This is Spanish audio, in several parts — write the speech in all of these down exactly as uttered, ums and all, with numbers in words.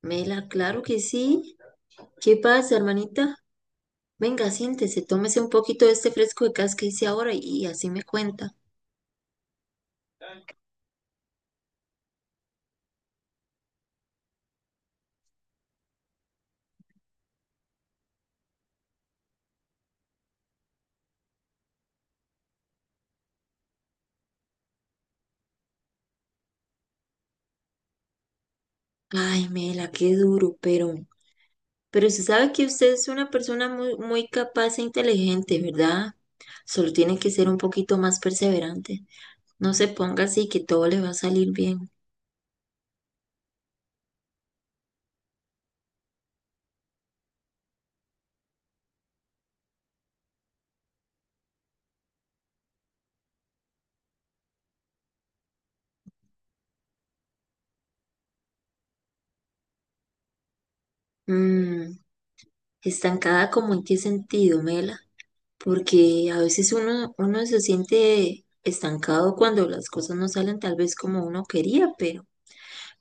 Mela, claro que sí. ¿Qué pasa, hermanita? Venga, siéntese, tómese un poquito de este fresco de cas que hice ahora y, así me cuenta. Ay, Mela, qué duro, pero, pero se sabe que usted es una persona muy, muy capaz e inteligente, ¿verdad? Solo tiene que ser un poquito más perseverante. No se ponga así que todo le va a salir bien. Mm, estancada, como en qué sentido, Mela? Porque a veces uno, uno se siente estancado cuando las cosas no salen tal vez como uno quería, pero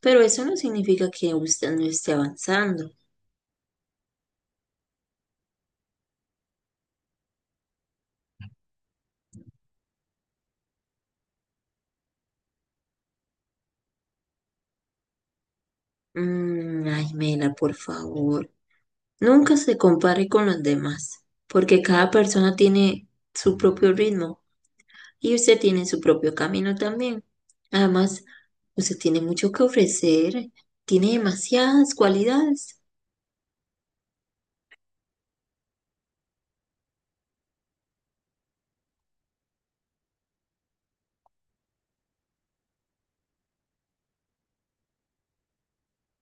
Pero eso no significa que usted no esté avanzando. Mm, ay, Mela, por favor. Nunca se compare con los demás, porque cada persona tiene su propio ritmo y usted tiene su propio camino también. Además, usted tiene mucho que ofrecer, tiene demasiadas cualidades.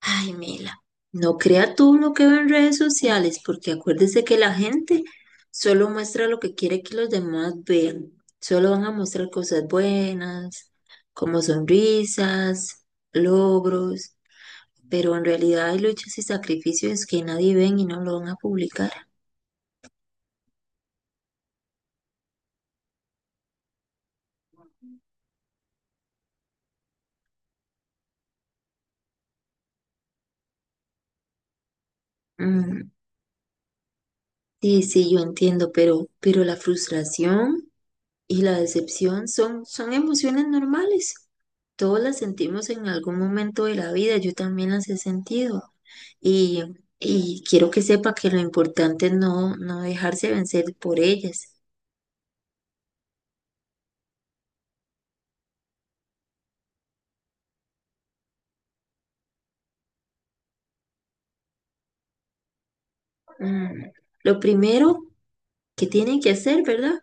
Ay, Mela, no crea tú lo que ve en redes sociales, porque acuérdese que la gente solo muestra lo que quiere que los demás vean. Solo van a mostrar cosas buenas, como sonrisas, logros, pero en realidad hay luchas y sacrificios que nadie ven y no lo van a publicar. Mm, sí, sí, yo entiendo, pero, pero la frustración y la decepción son, son emociones normales. Todos las sentimos en algún momento de la vida, yo también las he sentido. Y, y quiero que sepa que lo importante es no, no dejarse vencer por ellas. Mm, lo primero que tienen que hacer, ¿verdad?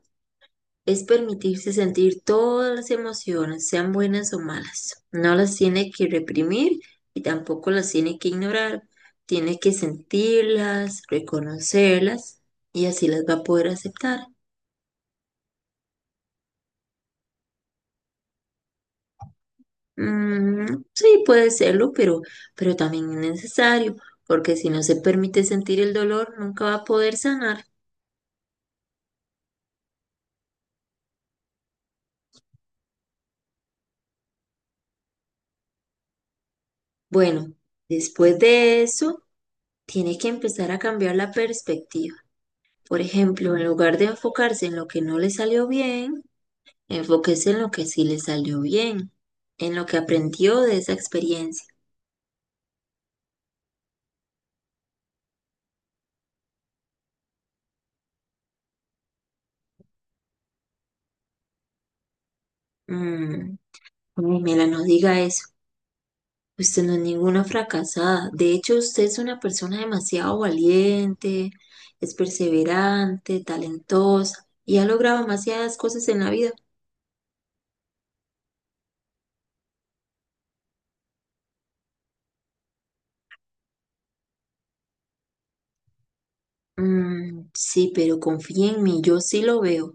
Es permitirse sentir todas las emociones, sean buenas o malas. No las tiene que reprimir y tampoco las tiene que ignorar. Tiene que sentirlas, reconocerlas, y así las va a poder aceptar. Mm, sí, puede serlo, pero, pero también es necesario, porque si no se permite sentir el dolor, nunca va a poder sanar. Bueno, después de eso, tiene que empezar a cambiar la perspectiva. Por ejemplo, en lugar de enfocarse en lo que no le salió bien, enfóquese en lo que sí le salió bien, en lo que aprendió de esa experiencia. Mm, Pamela, no diga eso. Usted no es ninguna fracasada. De hecho, usted es una persona demasiado valiente, es perseverante, talentosa y ha logrado demasiadas cosas en la vida. Mm, sí, pero confíe en mí, yo sí lo veo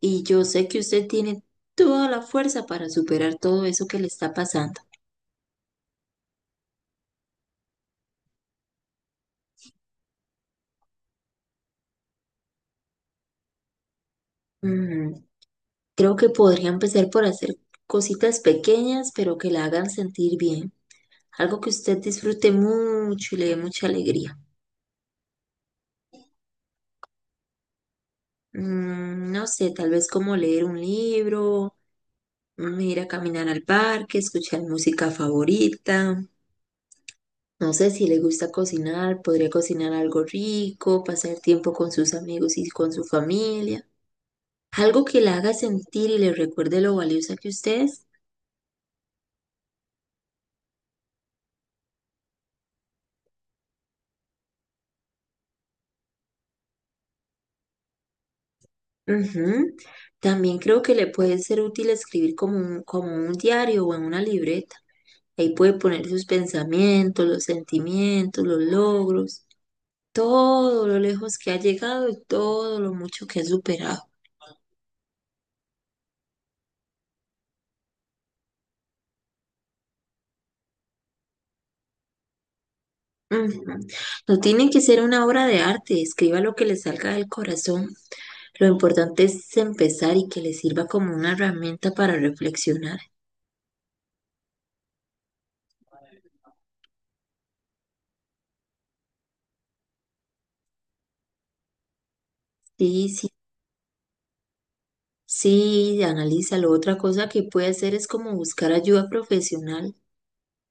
y yo sé que usted tiene toda la fuerza para superar todo eso que le está pasando. Mm, creo que podría empezar por hacer cositas pequeñas, pero que la hagan sentir bien. Algo que usted disfrute mucho y le dé mucha alegría. Mm, no sé, tal vez como leer un libro, mm, ir a caminar al parque, escuchar música favorita. No sé si le gusta cocinar, podría cocinar algo rico, pasar tiempo con sus amigos y con su familia. Algo que la haga sentir y le recuerde lo valiosa que usted es. Ujú. También creo que le puede ser útil escribir como un, como un diario o en una libreta. Ahí puede poner sus pensamientos, los sentimientos, los logros, todo lo lejos que ha llegado y todo lo mucho que ha superado. Ujú. No tiene que ser una obra de arte, escriba lo que le salga del corazón. Lo importante es empezar y que le sirva como una herramienta para reflexionar. Sí, sí, analízalo. Otra cosa que puede hacer es como buscar ayuda profesional.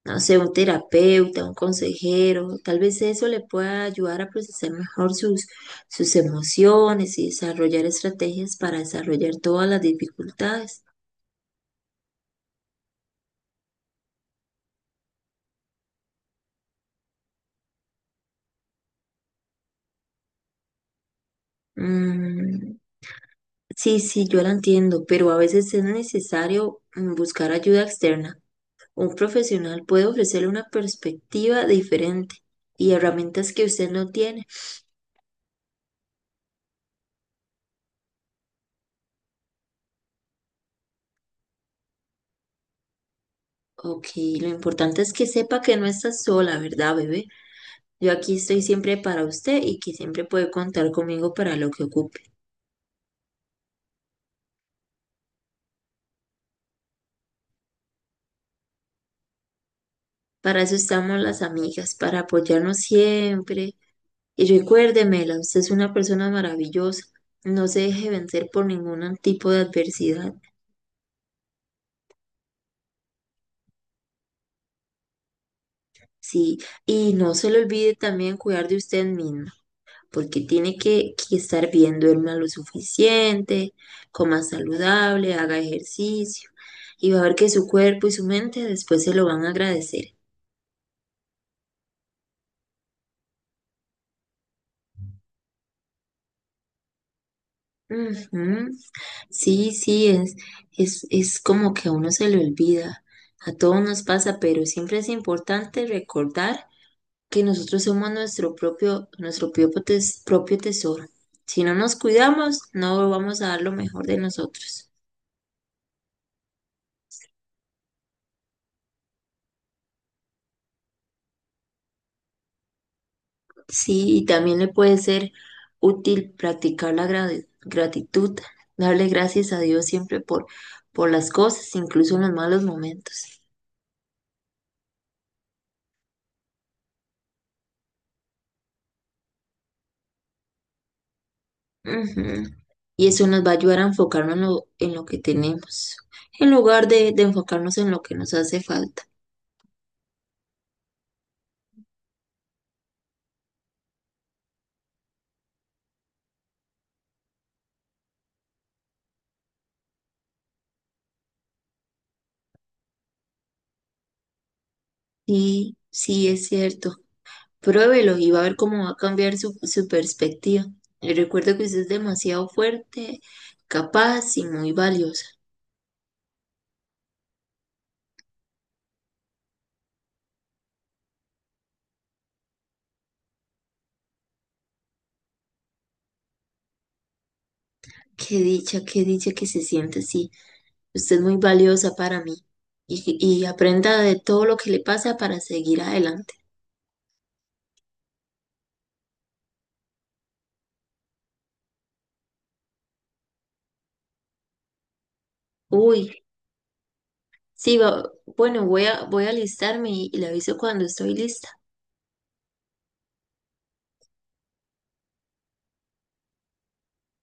No sé, un terapeuta, un consejero. Tal vez eso le pueda ayudar a procesar mejor sus, sus emociones y desarrollar estrategias para desarrollar todas las dificultades. Mm, sí, sí, yo la entiendo, pero a veces es necesario mm, buscar ayuda externa. Un profesional puede ofrecerle una perspectiva diferente y herramientas que usted no tiene. Ok, lo importante es que sepa que no está sola, ¿verdad, bebé? Yo aquí estoy siempre para usted y que siempre puede contar conmigo para lo que ocupe. Para eso estamos las amigas, para apoyarnos siempre. Y recuérdemela, usted es una persona maravillosa. No se deje vencer por ningún tipo de adversidad. Sí, y no se le olvide también cuidar de usted misma, porque tiene que, que estar bien, duerma lo suficiente, coma saludable, haga ejercicio, y va a ver que su cuerpo y su mente después se lo van a agradecer. Ujú. Sí, sí, es, es, es como que a uno se le olvida, a todos nos pasa, pero siempre es importante recordar que nosotros somos nuestro propio, nuestro propio, tes- propio tesoro. Si no nos cuidamos, no vamos a dar lo mejor de nosotros. Sí, y también le puede ser útil practicar la gra- gratitud, darle gracias a Dios siempre por, por las cosas, incluso en los malos momentos. Ujú. Y eso nos va a ayudar a enfocarnos en lo, en lo que tenemos, en lugar de, de enfocarnos en lo que nos hace falta. Sí, sí, es cierto. Pruébelo y va a ver cómo va a cambiar su, su perspectiva. Y recuerda que usted es demasiado fuerte, capaz y muy valiosa. Qué dicha, qué dicha que se siente así. Usted es muy valiosa para mí, y, y aprenda de todo lo que le pasa para seguir adelante. Uy, sí, va- bueno, voy a, voy a alistarme y, y le aviso cuando estoy lista.